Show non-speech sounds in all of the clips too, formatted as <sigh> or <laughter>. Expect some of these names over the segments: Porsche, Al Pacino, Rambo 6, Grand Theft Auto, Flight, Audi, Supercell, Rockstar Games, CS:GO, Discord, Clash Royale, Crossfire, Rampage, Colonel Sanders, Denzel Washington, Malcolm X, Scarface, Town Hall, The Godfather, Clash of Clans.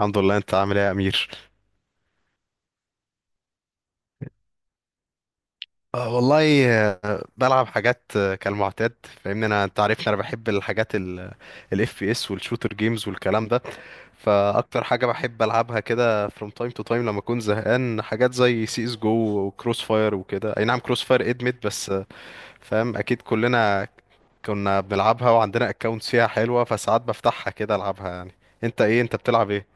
الحمد لله، انت عامل ايه يا امير؟ آه والله، بلعب حاجات كالمعتاد. فاهمني، انا انت عارفني، انا بحب الحاجات الاف بي اس والشوتر جيمز والكلام ده. فاكتر حاجه بحب العبها كده from time to time لما اكون زهقان، حاجات زي سي اس جو وكروس فاير وكده. اي نعم، كروس فاير ادمت، بس فاهم، اكيد كلنا كنا بنلعبها وعندنا اكونتس فيها حلوه، فساعات بفتحها كده العبها يعني. انت ايه؟ انت بتلعب ايه؟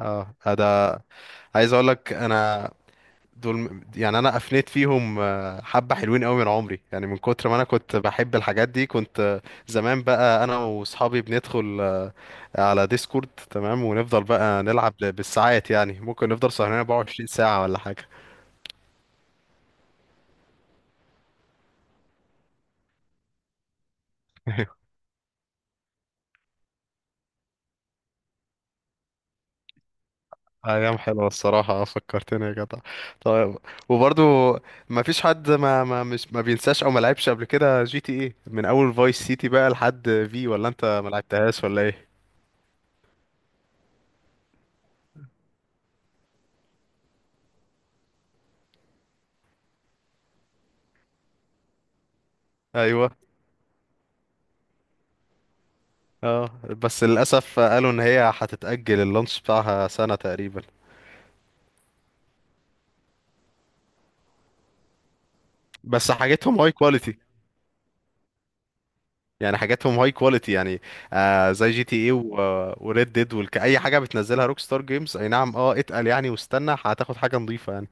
اه. ده عايز اقول لك انا. دول يعني انا افنيت فيهم، حبة حلوين قوي من عمري، يعني من كتر ما انا كنت بحب الحاجات دي، كنت زمان بقى انا واصحابي بندخل على ديسكورد، تمام، ونفضل بقى نلعب بالساعات، يعني ممكن نفضل سهرانين 24 ساعة ولا حاجة. <laughs> ايام حلوة الصراحة. فكرتني يا جدع. طيب، وبرضو ما فيش حد ما بينساش او ما لعبش قبل كده جي تي ايه، من اول فايس سيتي بقى لحد في، ولا انت ما لعبتهاش ولا ايه؟ ايوه. اه بس للاسف قالوا ان هي هتتاجل، اللانش بتاعها سنه تقريبا. بس حاجتهم هاي كواليتي، يعني حاجاتهم هاي كواليتي يعني. زي جي تي اي وريد ديد والك، اي حاجه بتنزلها روك ستار جيمز. اي نعم، اه اتقل يعني، واستنى هتاخد حاجه نظيفه يعني.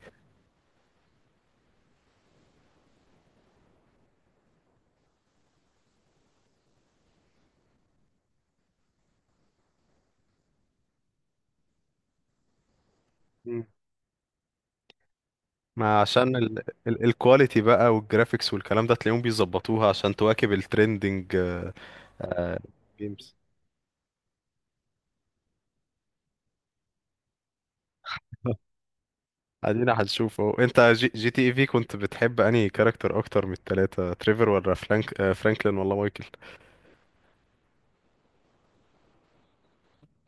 مم. ما عشان ال الكواليتي بقى والجرافيكس والكلام ده، تلاقيهم بيظبطوها عشان تواكب الترندنج. آه جيمز. ادينا هنشوفه. انت جي تي اي في كنت بتحب انهي كاركتر اكتر من التلاتة، تريفر ولا فرانكلين ولا مايكل؟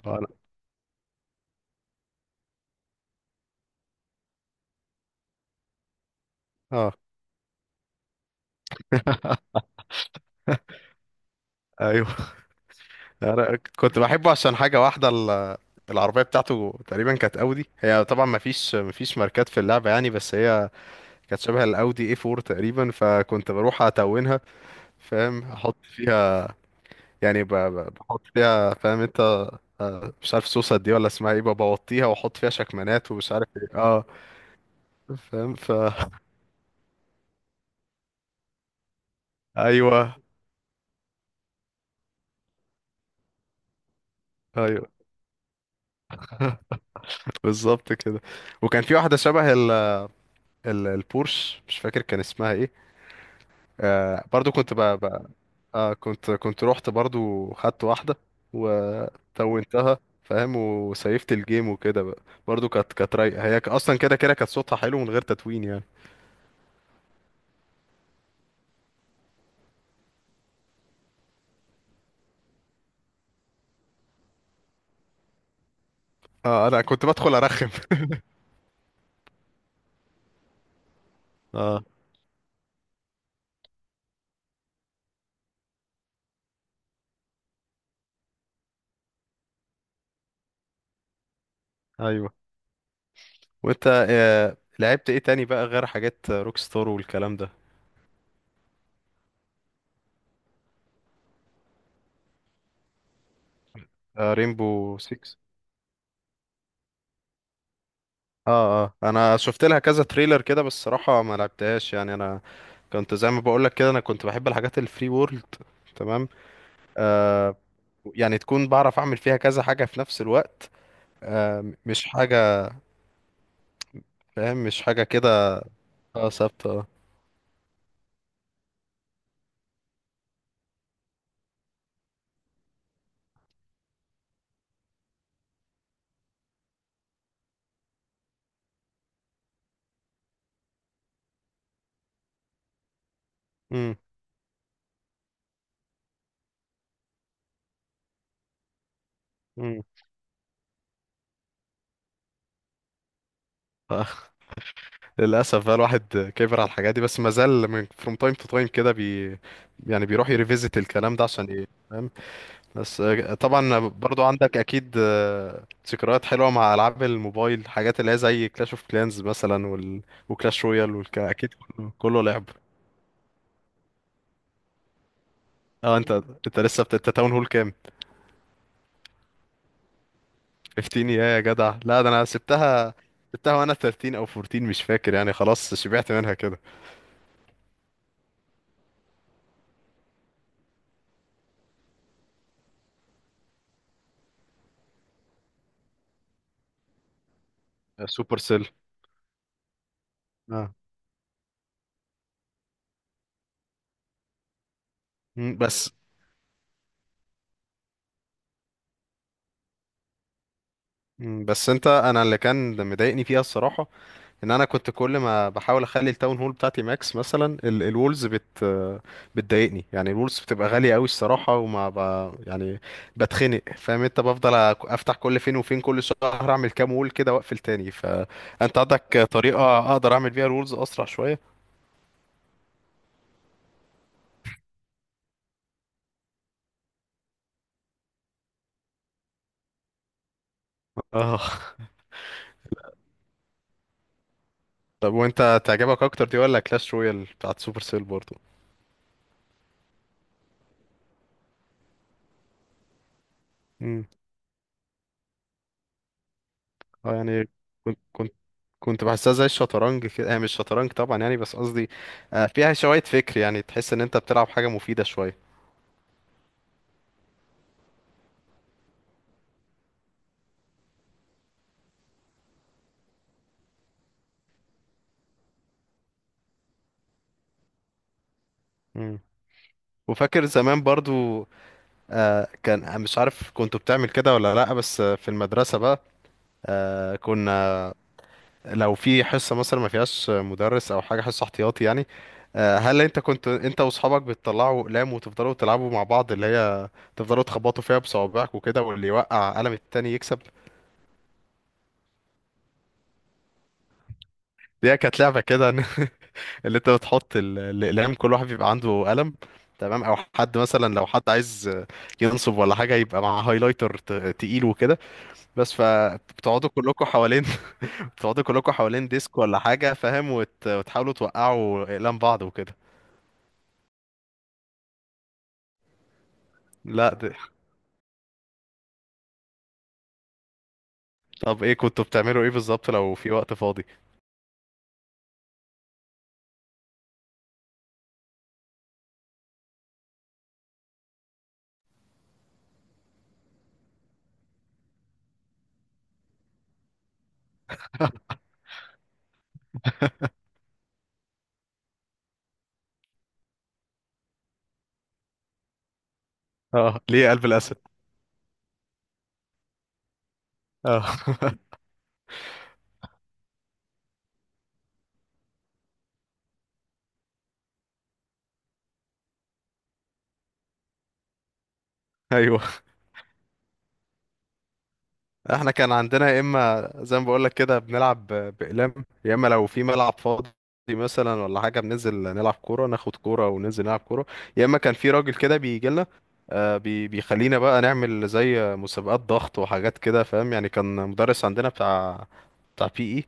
اه. انا اه ايوه. <laughs> انا كنت بحبه عشان حاجه واحده، العربيه بتاعته تقريبا كانت اودي. هي طبعا ما فيش ماركات في اللعبه يعني، بس هي كانت شبه الاودي اي 4 تقريبا، فكنت بروح اتونها. فاهم احط فيها، يعني بحط فيها، فاهم انت. مش عارف صوصة دي ولا اسمها ايه، ببوطيها واحط فيها شكمانات ومش عارف ايه. اه فاهم ايوه، ايوه، بالظبط كده. وكان في واحده شبه ال البورش، مش فاكر كان اسمها ايه. برضو كنت بقى, بقى آه كنت كنت رحت برضو خدت واحده وتونتها. فاهم، وسيفت الجيم وكده بقى. برضو كانت رايقه هي، اصلا كده كده كانت صوتها حلو من غير تتوين يعني. اه. انا كنت بدخل ارخم. <laughs> اه، ايوه. وانت لعبت ايه تاني بقى غير حاجات روك ستار والكلام ده؟ ريمبو 6. اه، اه انا شفت لها كذا تريلر كده، بس الصراحه ما لعبتهاش يعني. انا كنت زي ما بقول لك كده، انا كنت بحب الحاجات الفري وورلد، تمام. آه يعني تكون بعرف اعمل فيها كذا حاجه في نفس الوقت، مش حاجه، فاهم، مش حاجه كده. اه ثابته، اه. امم امم آه، <laughs> للاسف بقى، الواحد كبر على الحاجات دي، بس ما زال فروم تايم تو تايم كده يعني بيروح يريفيزيت الكلام ده عشان ايه. بس طبعا برضو عندك اكيد ذكريات حلوه مع العاب الموبايل، حاجات اللي هي زي كلاش اوف كلانز مثلا وكلاش رويال اكيد كله لعب. اه، انت لسه انت تاون هول كام؟ 15 يا يا جدع، لا ده انا سبتها، سبتها وانا 13 او 14 مش فاكر يعني، خلاص شبعت منها كده. سوبر سيل. اه. مم، بس بس انت، انا اللي كان مضايقني فيها الصراحه، ان انا كنت كل ما بحاول اخلي التاون هول بتاعتي ماكس، مثلا الولز بتضايقني يعني. الولز بتبقى غاليه قوي الصراحه، وما يعني بتخنق، فاهم انت، بفضل افتح كل فين وفين، كل شهر اعمل كام وول كده واقفل تاني. فانت عندك طريقه اقدر اعمل بيها الولز اسرع شويه؟ اه. طب وانت تعجبك اكتر دي، ولا كلاش رويال بتاعت سوبر سيل برضو؟ اه. يعني كنت كنت كنت بحسها زي الشطرنج كده، هي مش شطرنج طبعا يعني بس قصدي، فيها شوية فكر، يعني تحس ان انت بتلعب حاجة مفيدة شوية. مم. وفاكر زمان برضو، كان مش عارف كنت بتعمل كده ولا لا، بس في المدرسة بقى كنا، لو في حصة مثلا ما فيهاش مدرس او حاجة، حصة احتياطي يعني، هل انت كنت، انت واصحابك، بتطلعوا اقلام وتفضلوا تلعبوا مع بعض، اللي هي تفضلوا تخبطوا فيها بصوابعك وكده، واللي يوقع قلم التاني يكسب؟ دي كانت لعبة كده. <laughs> اللي انت بتحط الاقلام، كل واحد بيبقى عنده قلم، تمام، او حد مثلا لو حد عايز ينصب ولا حاجه يبقى مع هايلايتر تقيل وكده. بس فبتقعدوا كلكم حوالين. <laughs> بتقعدوا كلكم حوالين ديسك ولا حاجه، فاهم، وتحاولوا توقعوا اقلام بعض وكده. لا، طب ايه كنتوا بتعملوا، ايه بالظبط لو في وقت فاضي؟ اه، ليه قلب الاسد؟ اه. <laughs> ايوه. احنا كان عندنا، يا اما زي ما بقول لك كده بنلعب باقلام، يا اما لو في ملعب فاضي مثلا ولا حاجه، بننزل نلعب كوره، ناخد كوره وننزل نلعب كوره، يا اما كان في راجل كده بيجي لنا بيخلينا بقى نعمل زي مسابقات ضغط وحاجات كده، فاهم يعني، كان مدرس عندنا بتاع بي،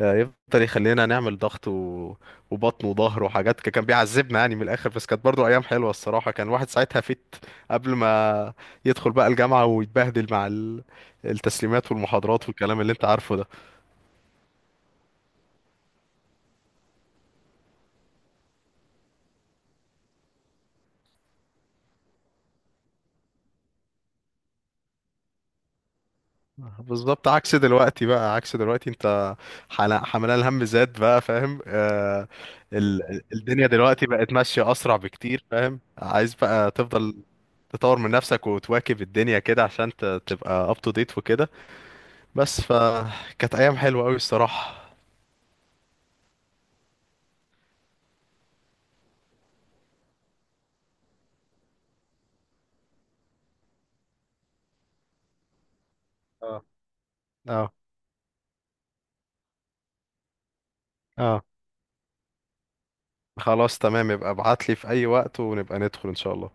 يفضل يخلينا نعمل ضغط وبطن وظهر وحاجات. كان بيعذبنا يعني من الاخر، بس كانت برضو ايام حلوه الصراحه. كان الواحد ساعتها قبل ما يدخل بقى الجامعه ويتبهدل مع التسليمات والمحاضرات والكلام اللي انت عارفه ده. بالظبط عكس دلوقتي بقى، عكس دلوقتي، انت حملان الهم زاد بقى، فاهم. الدنيا دلوقتي بقت ماشيه اسرع بكتير، فاهم، عايز بقى تفضل تطور من نفسك وتواكب الدنيا كده عشان تبقى up to date وكده. بس فكانت ايام حلوه قوي الصراحه. اه، اه، اه. خلاص تمام، يبقى ابعت لي في اي وقت ونبقى ندخل ان شاء الله.